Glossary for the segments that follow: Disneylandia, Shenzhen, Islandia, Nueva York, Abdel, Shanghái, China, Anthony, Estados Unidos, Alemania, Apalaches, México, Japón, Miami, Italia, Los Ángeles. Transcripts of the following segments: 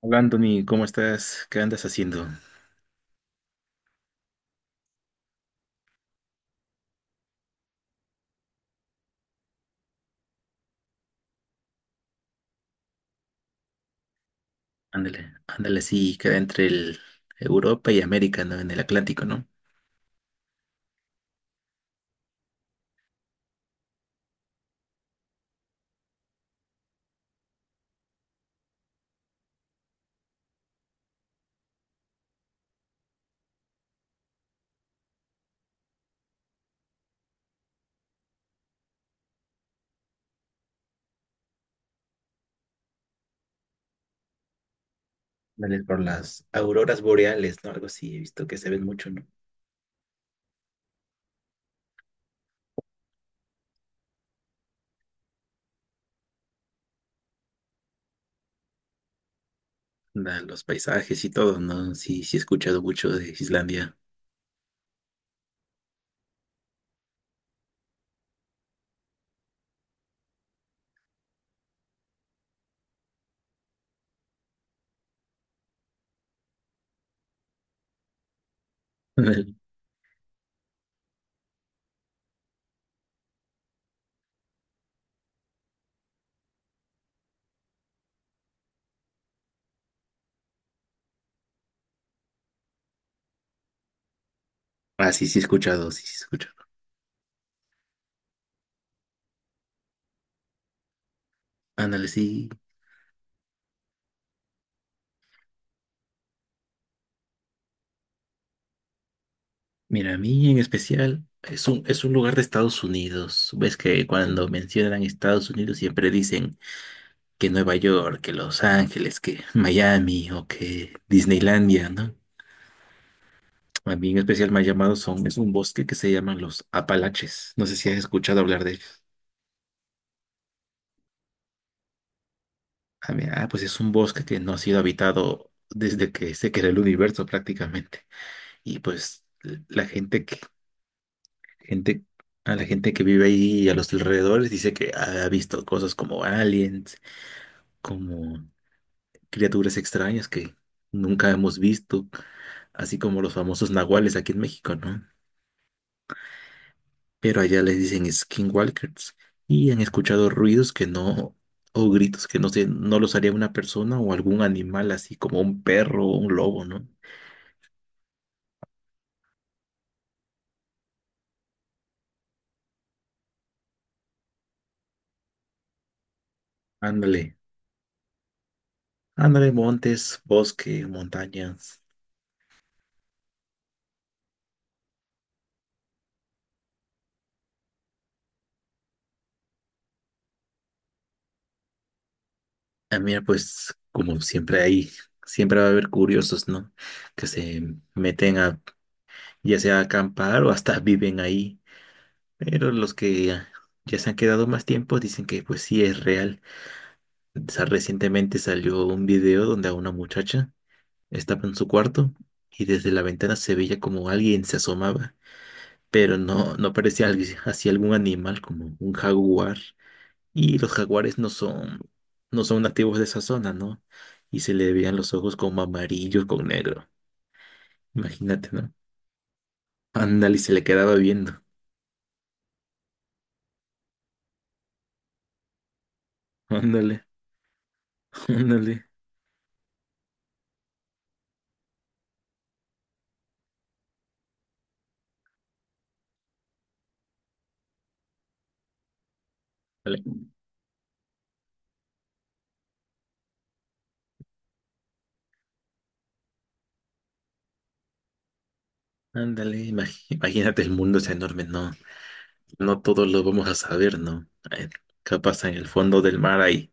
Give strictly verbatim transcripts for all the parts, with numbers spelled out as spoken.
Hola Anthony, ¿cómo estás? ¿Qué andas haciendo? Ándale, ándale, sí, queda entre el Europa y América, ¿no? En el Atlántico, ¿no? Ándale, por las auroras boreales, ¿no? Algo así, he visto que se ven mucho, ¿no? Ándale, los paisajes y todo, ¿no? Sí, sí he escuchado mucho de Islandia. Ándale. Ah, sí, sí he escuchado, sí, sí he escuchado. Ándale, sí. Mira, a mí en especial es un, es un lugar de Estados Unidos. Ves que cuando mencionan Estados Unidos siempre dicen que Nueva York, que Los Ángeles, que Miami o que Disneylandia, ¿no? A mí en especial me ha llamado son, es un bosque que se llaman los Apalaches. No sé si has escuchado hablar de ellos. A mí, ah, pues es un bosque que no ha sido habitado desde que se creó el universo prácticamente. Y pues l- la gente que, gente, a la gente que vive ahí y a los alrededores dice que ha visto cosas como aliens, como criaturas extrañas que nunca hemos visto, así como los famosos nahuales aquí en México, ¿no? Pero allá les dicen skinwalkers y han escuchado ruidos que no, o gritos que no sé, no los haría una persona o algún animal así como un perro o un lobo, ¿no? Ándale, ándale, montes, bosque, montañas. Ah, mira, pues como siempre hay, siempre va a haber curiosos, ¿no? Que se meten a, ya sea a acampar o hasta viven ahí. Pero los que ya se han quedado más tiempo dicen que pues sí es real. sa- Recientemente salió un video donde a una muchacha estaba en su cuarto y desde la ventana se veía como alguien se asomaba, pero no, no parecía alguien, así algún animal como un jaguar. Y los jaguares no son, no son nativos de esa zona, ¿no? Y se le veían los ojos como amarillos con negro. Imagínate, ¿no? Ándale, y se le quedaba viendo. Ándale, ándale, ándale. Ándale, imagi- imagínate el mundo es enorme, ¿no? No todos lo vamos a saber, ¿no? Eh, Capaz en el fondo del mar hay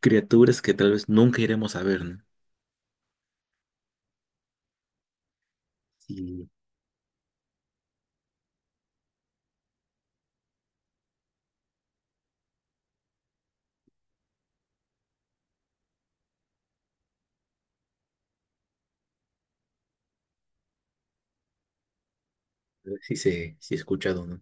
criaturas que tal vez nunca iremos a ver, ¿no? Sí, sí, se- sí he escuchado, ¿no?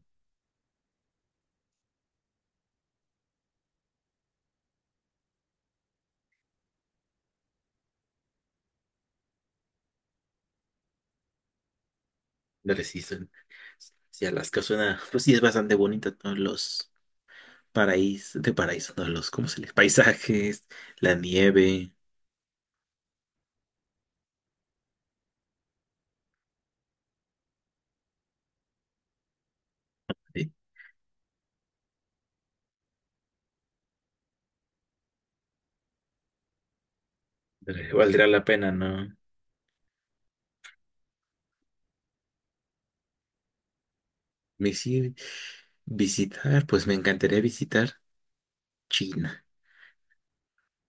La resistencia. Sí, Alaska suena, pues sí es bastante bonita, ¿no? Los paraísos, de paraíso, ¿no? Los, ¿cómo se les? Paisajes, la nieve, eh, valdrá la pena, ¿no? Me sí, visitar, pues me encantaría visitar China,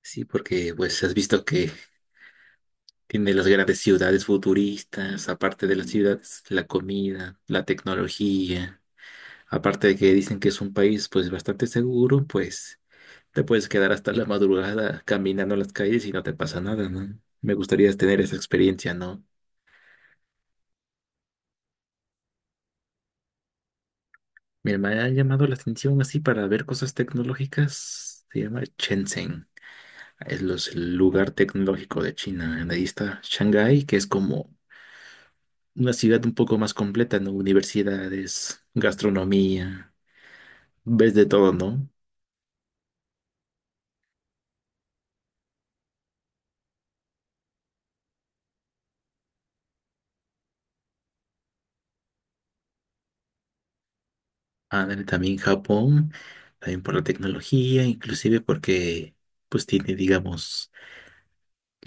sí, porque pues has visto que tiene las grandes ciudades futuristas, aparte de las ciudades, la comida, la tecnología. Aparte de que dicen que es un país pues bastante seguro, pues te puedes quedar hasta la madrugada caminando las calles y no te pasa nada, ¿no? Me gustaría tener esa experiencia, ¿no? Mira, me ha llamado la atención así para ver cosas tecnológicas. Se llama Shenzhen. Es los, el lugar tecnológico de China. Ahí está Shanghái, que es como una ciudad un poco más completa, ¿no? Universidades, gastronomía. Ves de todo, ¿no? Ándale, también Japón, también por la tecnología, inclusive porque pues tiene, digamos,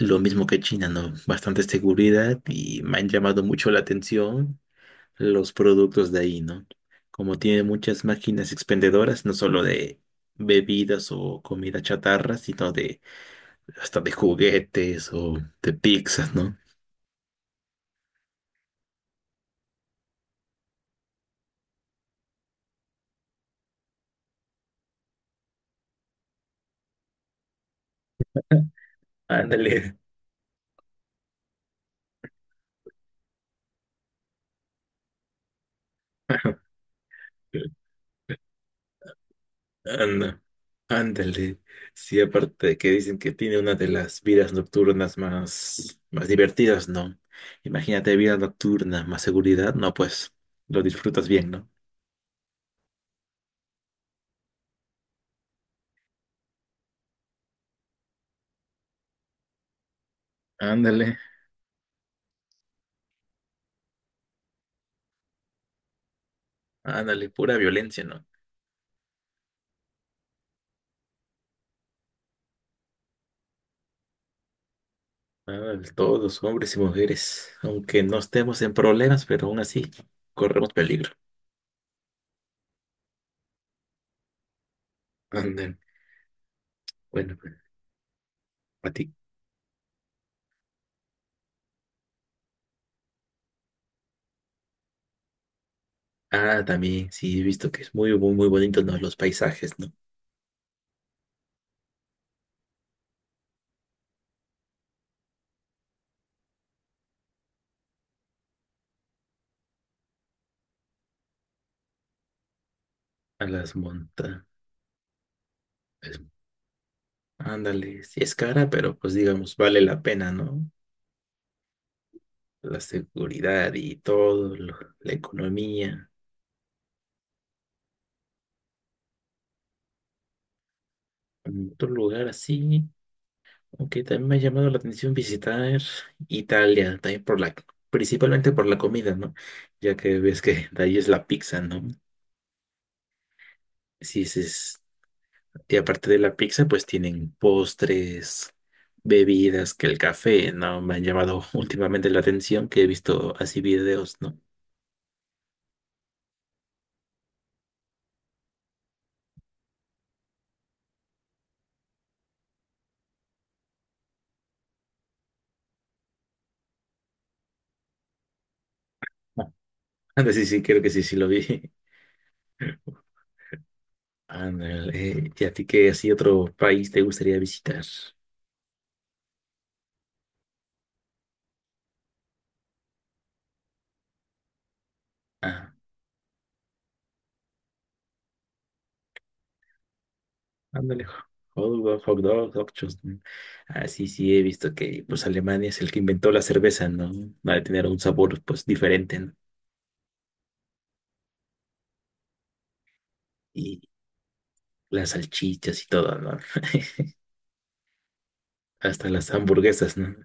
lo mismo que China, ¿no? Bastante seguridad y me han llamado mucho la atención los productos de ahí, ¿no? Como tiene muchas máquinas expendedoras, no solo de bebidas o comida chatarra, sino de hasta de juguetes o de pizzas, ¿no? Ándale. Anda, ándale. Sí, aparte de que dicen que tiene una de las vidas nocturnas más, más divertidas, ¿no? Imagínate vida nocturna, más seguridad, no, pues lo disfrutas bien, ¿no? Ándale, ándale, pura violencia, ¿no? Ándale, todos, hombres y mujeres, aunque no estemos en problemas, pero aún así corremos peligro. Ándale, bueno, pues, a ti. Ah, también, sí, he visto que es muy, muy, muy bonito, ¿no? Los paisajes, ¿no? A las montañas. Ándale, sí es cara, pero pues digamos, vale la pena, ¿no? La seguridad y todo, lo- la economía. Mm, otro lugar así, aunque también me ha llamado la atención visitar Italia, también por la, principalmente por la comida, ¿no? Ya que ves que de ahí es la pizza, ¿no? Sí, sí, es, y aparte de la pizza, pues tienen postres, bebidas, que el café, ¿no? Me han llamado últimamente la atención que he visto así videos, ¿no? Ah, anda, sí, sí, creo que sí, sí lo vi. Ándale. ¿Y a ti qué así otro país te gustaría visitar? Ah, ándale. Hot dog, hot dog, hot shoes. Ah, sí, sí, he visto que pues Alemania es el que inventó la cerveza, ¿no? Va a tener un sabor pues diferente, ¿no? Y las salchichas y todo, ¿no? Hasta las hamburguesas, ¿no?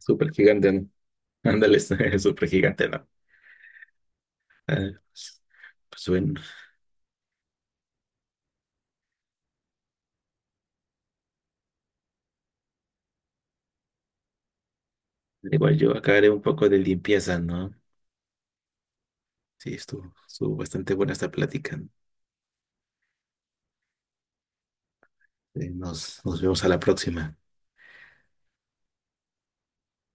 Súper gigante, ¿no? Ándale, súper gigante, ¿no? Ah, pues, pues bueno, igual yo acá haré un poco de limpieza, ¿no? Sí, estuvo, estuvo bastante buena esta plática. Eh, nos, nos vemos a la próxima.